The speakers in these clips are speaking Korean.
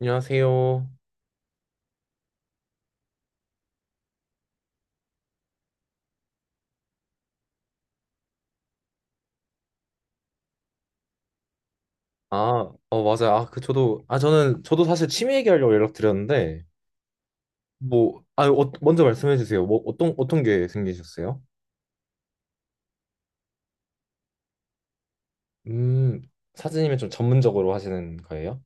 안녕하세요. 아, 맞아요. 저도 사실 취미 얘기하려고 연락드렸는데, 먼저 말씀해 주세요. 어떤 게 생기셨어요? 음, 사진이면 좀 전문적으로 하시는 거예요?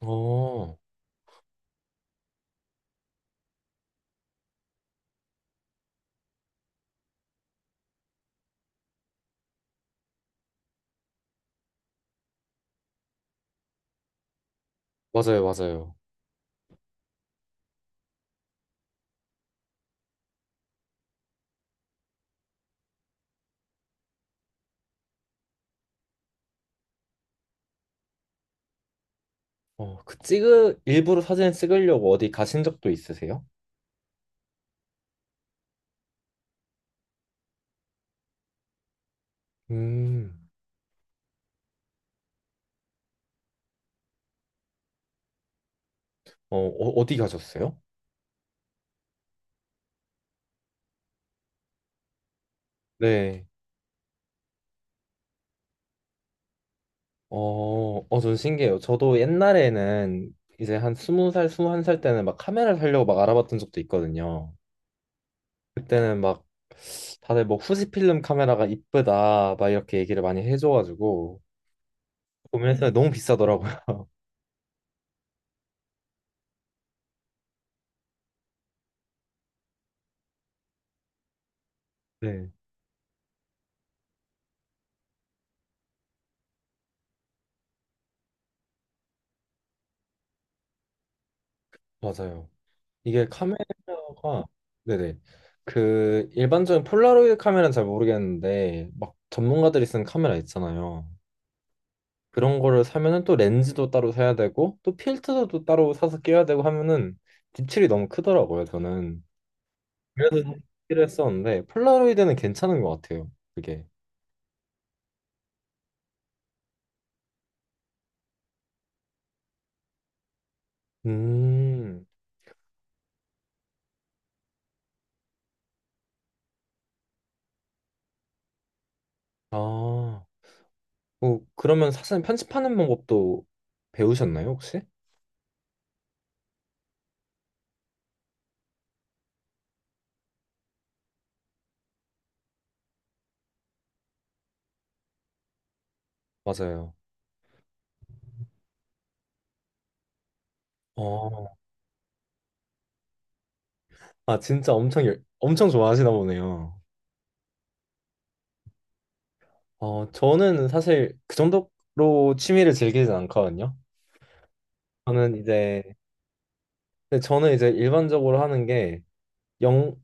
어, 맞아요, 맞아요. 일부러 사진 찍으려고 어디 가신 적도 있으세요? 음, 어, 어, 어디 가셨어요? 네. 어, 어, 전 신기해요. 저도 옛날에는 이제 한 스무 살, 스무 한 살 때는 막 카메라 살려고 막 알아봤던 적도 있거든요. 그때는 막 다들 뭐 후지필름 카메라가 이쁘다 막 이렇게 얘기를 많이 해줘가지고 구매했는데 너무 비싸더라고요. 네, 맞아요. 이게 카메라가 네네. 그 일반적인 폴라로이드 카메라는 잘 모르겠는데 막 전문가들이 쓰는 카메라 있잖아요. 그런 거를 사면은 또 렌즈도 따로 사야 되고 또 필터도 따로 사서 끼워야 되고 하면은 지출이 너무 크더라고요. 저는 그래서 필요했었는데 폴라로이드는 괜찮은 것 같아요. 그게. 음 아. 어, 그러면 사실 편집하는 방법도 배우셨나요, 혹시? 맞아요. 어, 아, 진짜 엄청, 엄청 좋아하시나 보네요. 어, 저는 사실 그 정도로 취미를 즐기진 않거든요. 저는 이제, 근데 저는 이제 일반적으로 하는 게 영,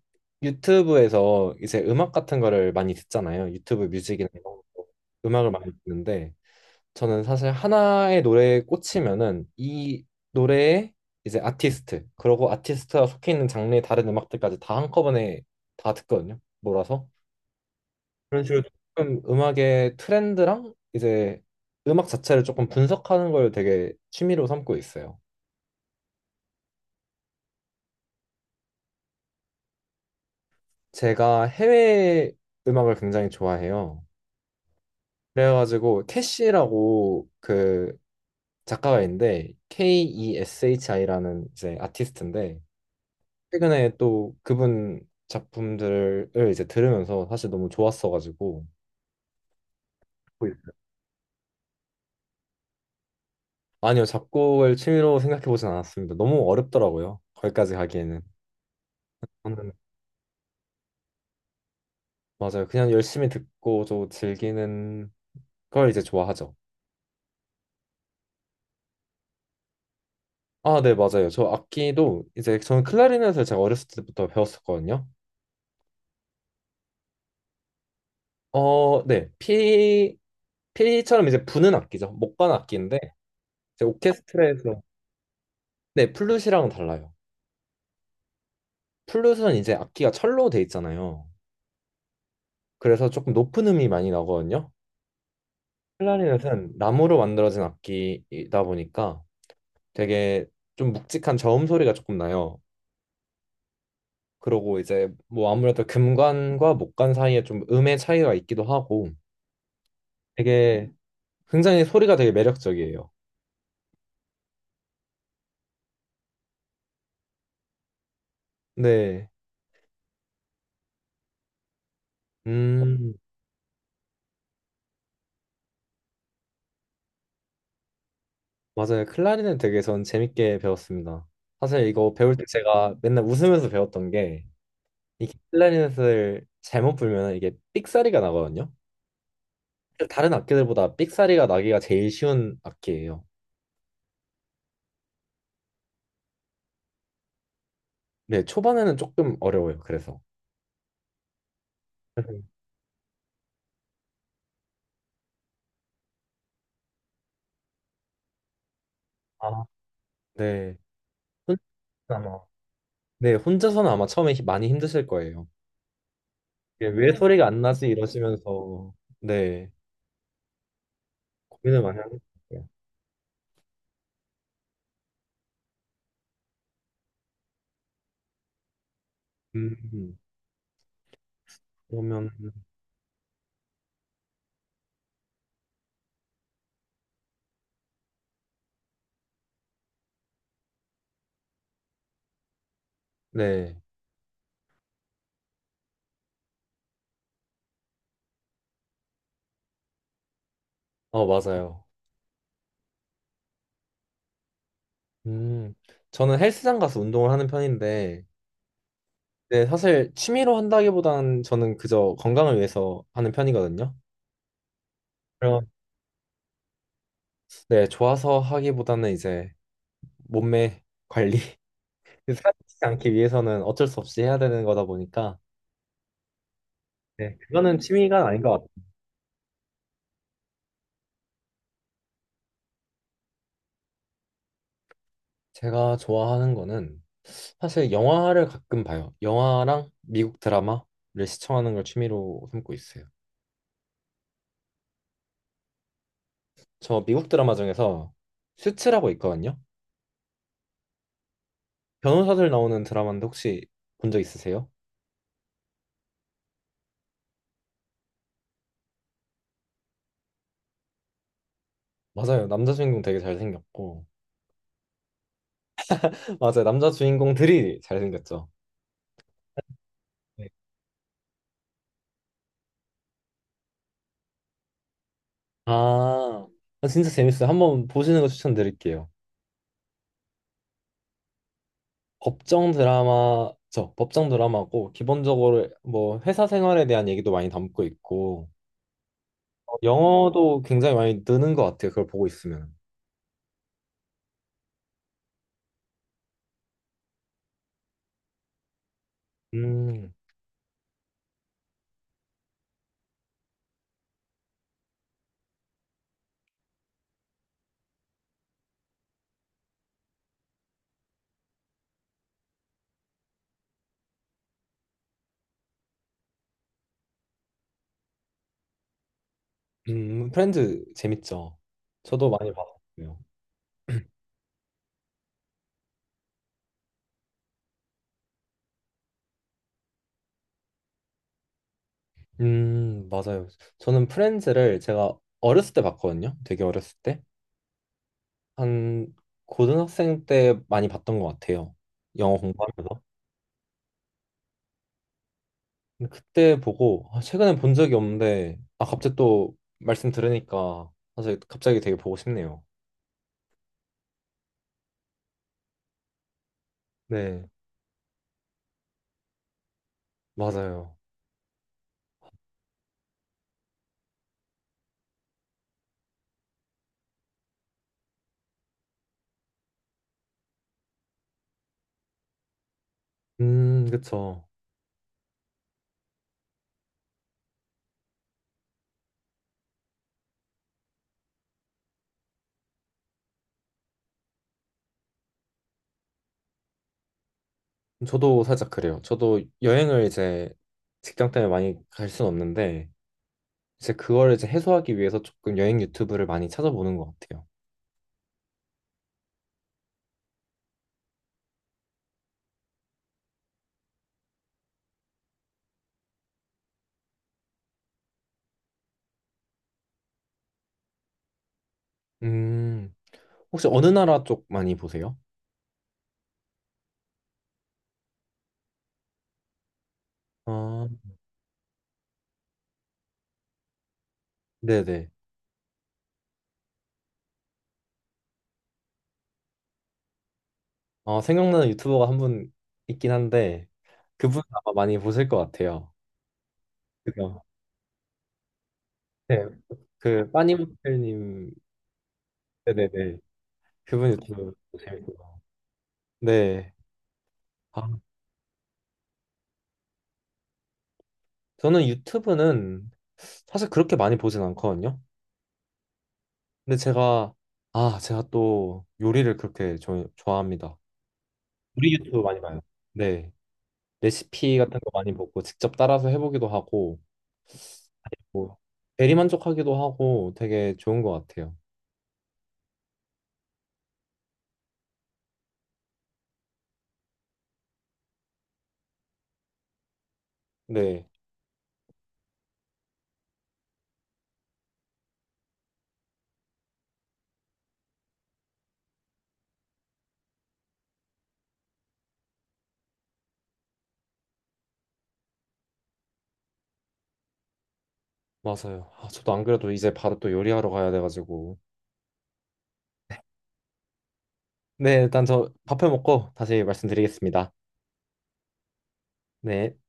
유튜브에서 이제 음악 같은 거를 많이 듣잖아요. 유튜브 뮤직이나 이런 거. 음악을 많이 듣는데, 저는 사실 하나의 노래에 꽂히면은 이 노래의 이제 아티스트, 그리고 아티스트가 속해 있는 장르의 다른 음악들까지 다 한꺼번에 다 듣거든요. 몰아서. 그런 식으로 조금 음악의 트렌드랑 이제 음악 자체를 조금 분석하는 걸 되게 취미로 삼고 있어요. 제가 해외 음악을 굉장히 좋아해요. 그래가지고 캐시라고 그 작가가 있는데 KESHI라는 이제 아티스트인데 최근에 또 그분 작품들을 이제 들으면서 사실 너무 좋았어가지고 듣고 있어요. 아니요, 작곡을 취미로 생각해보진 않았습니다. 너무 어렵더라고요. 거기까지 가기에는. 저는 맞아요. 그냥 열심히 듣고 저 즐기는 걸 이제 좋아하죠. 아, 네, 맞아요. 저 악기도 이제 저는 클라리넷을 제가 어렸을 때부터 배웠었거든요. 어, 네, 피 피처럼 이제 부는 악기죠. 목관 악기인데 이제 오케스트라에서. 네, 플룻이랑은 달라요. 플룻은 이제 악기가 철로 돼 있잖아요. 그래서 조금 높은 음이 많이 나거든요. 클라리넷은 나무로 만들어진 악기이다 보니까 되게 좀 묵직한 저음 소리가 조금 나요. 그러고 이제 뭐 아무래도 금관과 목관 사이에 좀 음의 차이가 있기도 하고 되게 굉장히 소리가 되게 매력적이에요. 네. 음, 맞아요. 클라리넷 되게 전 재밌게 배웠습니다. 사실 이거 배울 때 제가 맨날 웃으면서 배웠던 게 이 클라리넷을 잘못 불면 이게 삑사리가 나거든요. 다른 악기들보다 삑사리가 나기가 제일 쉬운 악기예요. 네, 초반에는 조금 어려워요. 그래서. 그래서, 아, 네. 혼자서는 아마, 네, 혼자서는 아마 처음에 많이 힘드실 거예요. 이게 왜 네. 소리가 안 나지? 이러시면서, 네, 고민을 많이 하실 거예요. 음, 그러면, 네, 어, 맞아요. 음, 저는 헬스장 가서 운동을 하는 편인데, 네, 사실 취미로 한다기보다는 저는 그저 건강을 위해서 하는 편이거든요. 그래서 네, 좋아서 하기보다는 이제 몸매 관리 살지 않기 위해서는 어쩔 수 없이 해야 되는 거다 보니까 네, 그거는 취미가 아닌 것 같아요. 제가 좋아하는 거는 사실 영화를 가끔 봐요. 영화랑 미국 드라마를 시청하는 걸 취미로 삼고 있어요. 저 미국 드라마 중에서 슈츠라고 있거든요. 변호사들 나오는 드라마인데 혹시 본 적 있으세요? 맞아요. 남자 주인공 되게 잘생겼고. 맞아요. 남자 주인공들이 잘생겼죠. 네. 아, 진짜 재밌어요. 한번 보시는 거 추천드릴게요. 법정 드라마, 저 법정 드라마고 기본적으로 뭐 회사 생활에 대한 얘기도 많이 담고 있고 어, 영어도 굉장히 많이 느는 것 같아요. 그걸 보고 있으면. 음, 프렌즈 재밌죠. 저도 많이 봤어요. 맞아요. 저는 프렌즈를 제가 어렸을 때 봤거든요. 되게 어렸을 때. 한 고등학생 때 많이 봤던 것 같아요. 영어 공부하면서. 근데 그때 보고 아, 최근에 본 적이 없는데 아 갑자기 또 말씀 들으니까 사실 갑자기 되게 보고 싶네요. 네, 맞아요. 그쵸. 저도 살짝 그래요. 저도 여행을 이제 직장 때문에 많이 갈 수는 없는데 이제 그걸 이제 해소하기 위해서 조금 여행 유튜브를 많이 찾아보는 것 같아요. 음, 혹시 어느 나라 쪽 많이 보세요? 아, 네네. 아, 생각나는 유튜버가 한 분 있긴 한데 그분 아마 많이 보실 것 같아요. 그죠? 네, 그 빠니모텔님. 네네네. 그분 유튜브 재밌고요. 네. 아, 저는 유튜브는 사실 그렇게 많이 보진 않거든요. 근데 제가 또 요리를 좋아합니다. 요리 유튜브 많이 봐요. 네. 레시피 같은 거 많이 보고 직접 따라서 해보기도 하고 뭐 대리만족하기도 하고 되게 좋은 것 같아요. 네, 맞아요. 아, 저도 안 그래도 이제 바로 또 요리하러 가야 돼가지고 네 일단 저 밥해 먹고 다시 말씀드리겠습니다. 네.